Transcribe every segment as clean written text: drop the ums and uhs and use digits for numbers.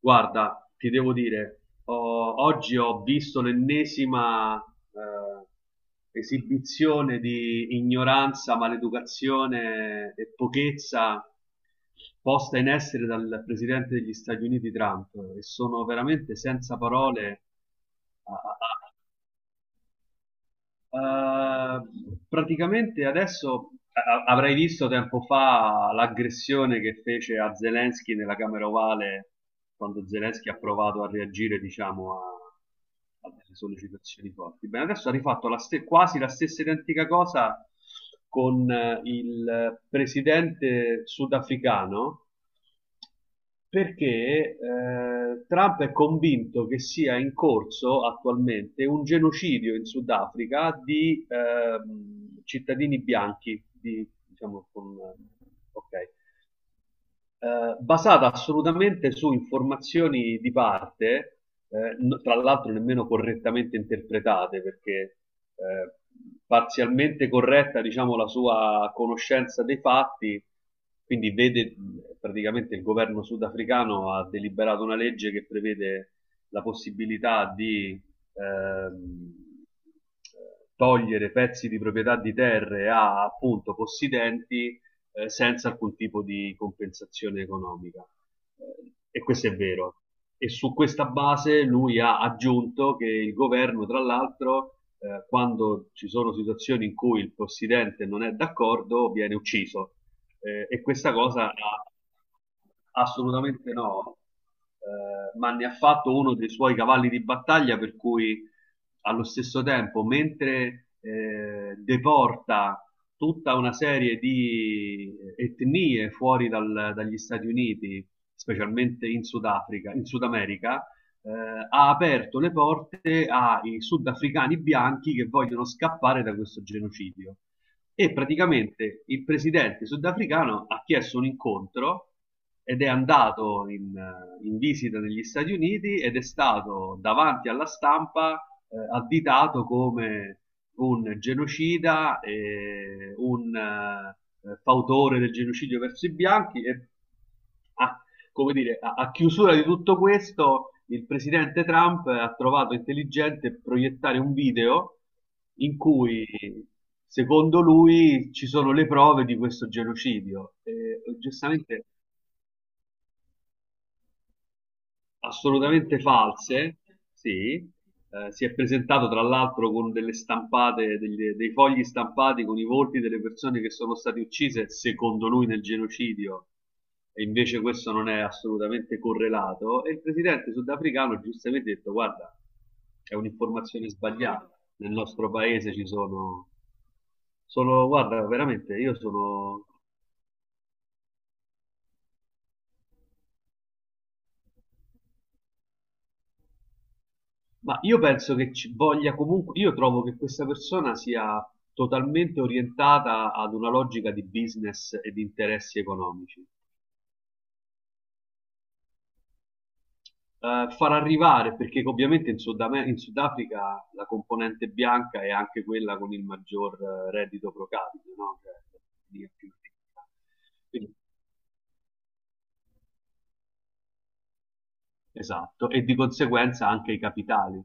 Guarda, ti devo dire, oggi ho visto l'ennesima esibizione di ignoranza, maleducazione e pochezza posta in essere dal presidente degli Stati Uniti Trump e sono veramente senza parole. a, a- Eh, praticamente adesso avrai visto tempo fa l'aggressione che fece a Zelensky nella Camera Ovale quando Zelensky ha provato a reagire, diciamo, a delle sollecitazioni forti. Bene, adesso ha rifatto quasi la stessa identica cosa con il presidente sudafricano perché Trump è convinto che sia in corso attualmente un genocidio in Sudafrica di cittadini bianchi, di, diciamo, con, ok. Basata assolutamente su informazioni di parte, tra l'altro nemmeno correttamente interpretate, perché eh, parzialmente corretta, diciamo, la sua conoscenza dei fatti, quindi vede praticamente il governo sudafricano ha deliberato una legge che prevede la possibilità di ehm, togliere pezzi di proprietà di terre a appunto possidenti senza alcun tipo di compensazione economica. E questo è vero. E su questa base lui ha aggiunto che il governo, tra l'altro, quando ci sono situazioni in cui il presidente non è d'accordo, viene ucciso. E questa cosa ha, assolutamente no, ma ne ha fatto uno dei suoi cavalli di battaglia, per cui allo stesso tempo, mentre deporta tutta una serie di etnie dagli Stati Uniti, specialmente in Sudafrica, in Sud America, eh, ha aperto le porte ai sudafricani bianchi che vogliono scappare da questo genocidio. E praticamente il presidente sudafricano ha chiesto un incontro ed è andato in visita negli Stati Uniti ed è stato davanti alla stampa additato come un genocida, un fautore del genocidio verso i bianchi e ha, come dire, a chiusura di tutto questo, il presidente Trump ha trovato intelligente proiettare un video in cui, secondo lui, ci sono le prove di questo genocidio. E, giustamente, assolutamente false, sì. Si è presentato tra l'altro con delle stampate, dei fogli stampati con i volti delle persone che sono state uccise, secondo lui, nel genocidio, e invece questo non è assolutamente correlato. E il presidente sudafricano giustamente ha detto: Guarda, è un'informazione sbagliata. Nel nostro paese ci sono, sono, guarda, veramente io sono. Ma io penso che ci voglia comunque, io trovo che questa persona sia totalmente orientata ad una logica di business e di interessi economici. Far arrivare, perché ovviamente in Sudafrica la componente bianca è anche quella con il maggior reddito pro capite, no? Cioè, lì è più ricca. Quindi- esatto, e di conseguenza anche i capitali.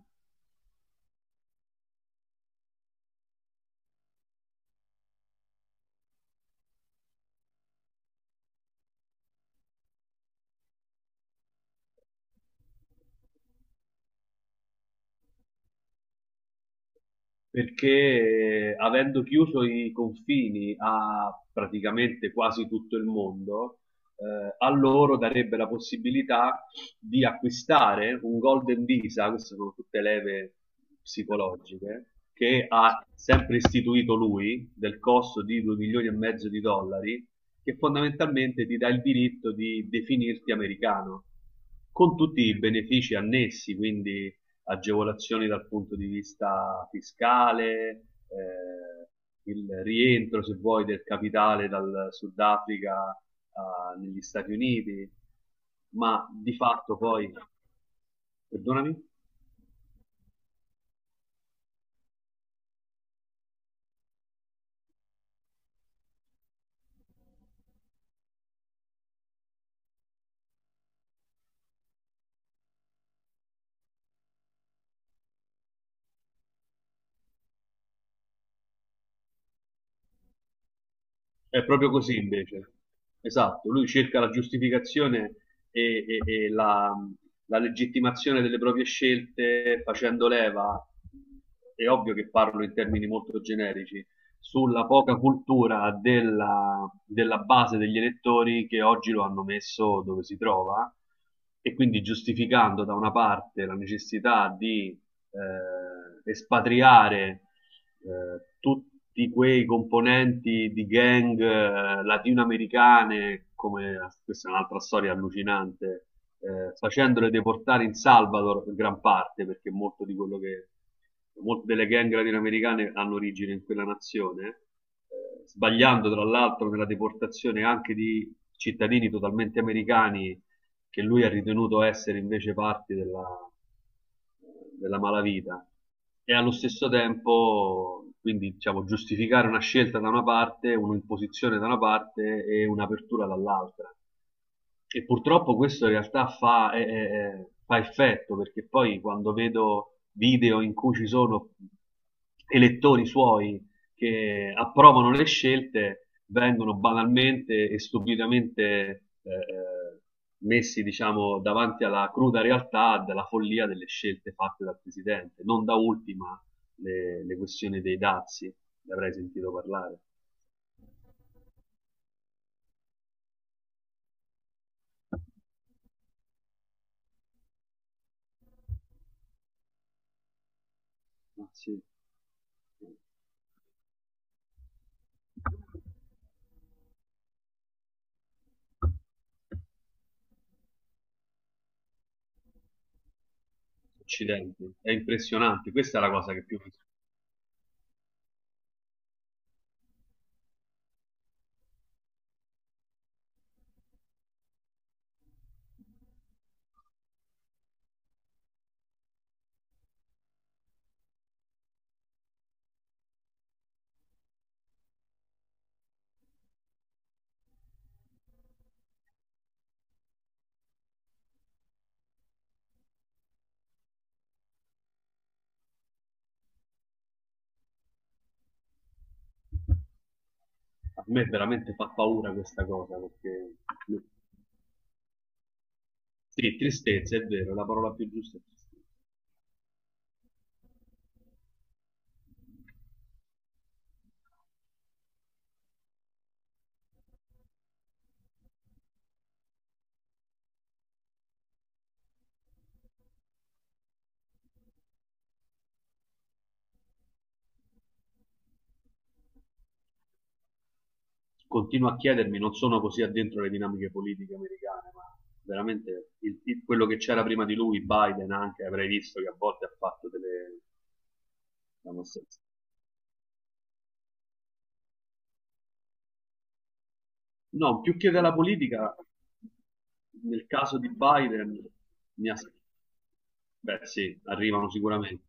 Perché avendo chiuso i confini a praticamente quasi tutto il mondo, a loro darebbe la possibilità di acquistare un Golden Visa, queste sono tutte leve psicologiche, che ha sempre istituito lui, del costo di 2 milioni e mezzo di dollari, che fondamentalmente ti dà il diritto di definirti americano, con tutti i benefici annessi, quindi agevolazioni dal punto di vista fiscale, eh, il rientro, se vuoi, del capitale dal Sudafrica negli Stati Uniti, ma di fatto poi, perdonami, è proprio così invece. Esatto, lui cerca la giustificazione e, e- e la legittimazione delle proprie scelte facendo leva, è ovvio che parlo in termini molto generici, sulla poca cultura della base degli elettori che oggi lo hanno messo dove si trova, e quindi giustificando da una parte la necessità di espatriare tutti quei componenti di gang latinoamericane, come, questa è un'altra storia allucinante, facendole deportare in Salvador in gran parte, perché molto di quello che, molte delle gang latinoamericane hanno origine in quella nazione, sbagliando tra l'altro nella deportazione anche di cittadini totalmente americani che lui ha ritenuto essere invece parti della malavita, e allo stesso tempo quindi diciamo, giustificare una scelta da una parte, un'imposizione da una parte e un'apertura dall'altra, e purtroppo questo in realtà fa effetto, perché poi quando vedo video in cui ci sono elettori suoi che approvano le scelte, vengono banalmente e stupidamente eh, eh, messi, diciamo, davanti alla cruda realtà della follia delle scelte fatte dal presidente, non da ultima le questioni dei dazi, ne avrei sentito parlare. Ah, sì. Occidente. È impressionante, questa è la cosa che più mi a me veramente fa paura questa cosa perché, sì, tristezza è vero, la parola più giusta è tristezza. Continuo a chiedermi, non sono così addentro le dinamiche politiche americane, ma veramente quello che c'era prima di lui, Biden anche, avrei visto che a volte ha fatto delle... diciamo, no, più che della politica, nel caso di Biden mi, as- beh, sì, arrivano sicuramente.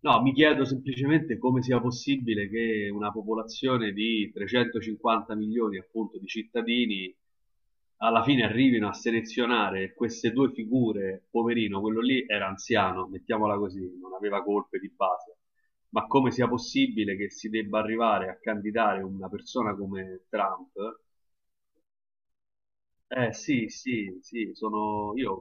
No, mi chiedo semplicemente come sia possibile che una popolazione di 350 milioni, appunto, di cittadini alla fine arrivino a selezionare queste due figure. Poverino, quello lì era anziano, mettiamola così, non aveva colpe di base. Ma come sia possibile che si debba arrivare a candidare una persona come Trump? Eh sì, sì, sì, sono io.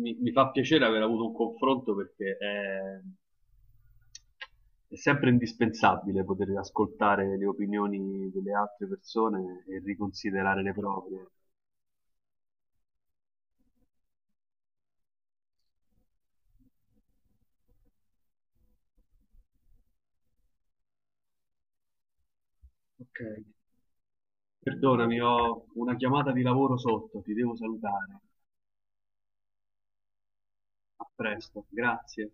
Mi fa piacere aver avuto un confronto, perché è sempre indispensabile poter ascoltare le opinioni delle altre persone e riconsiderare le proprie. Ok. Perdonami, ho una chiamata di lavoro sotto, ti devo salutare. A presto, grazie.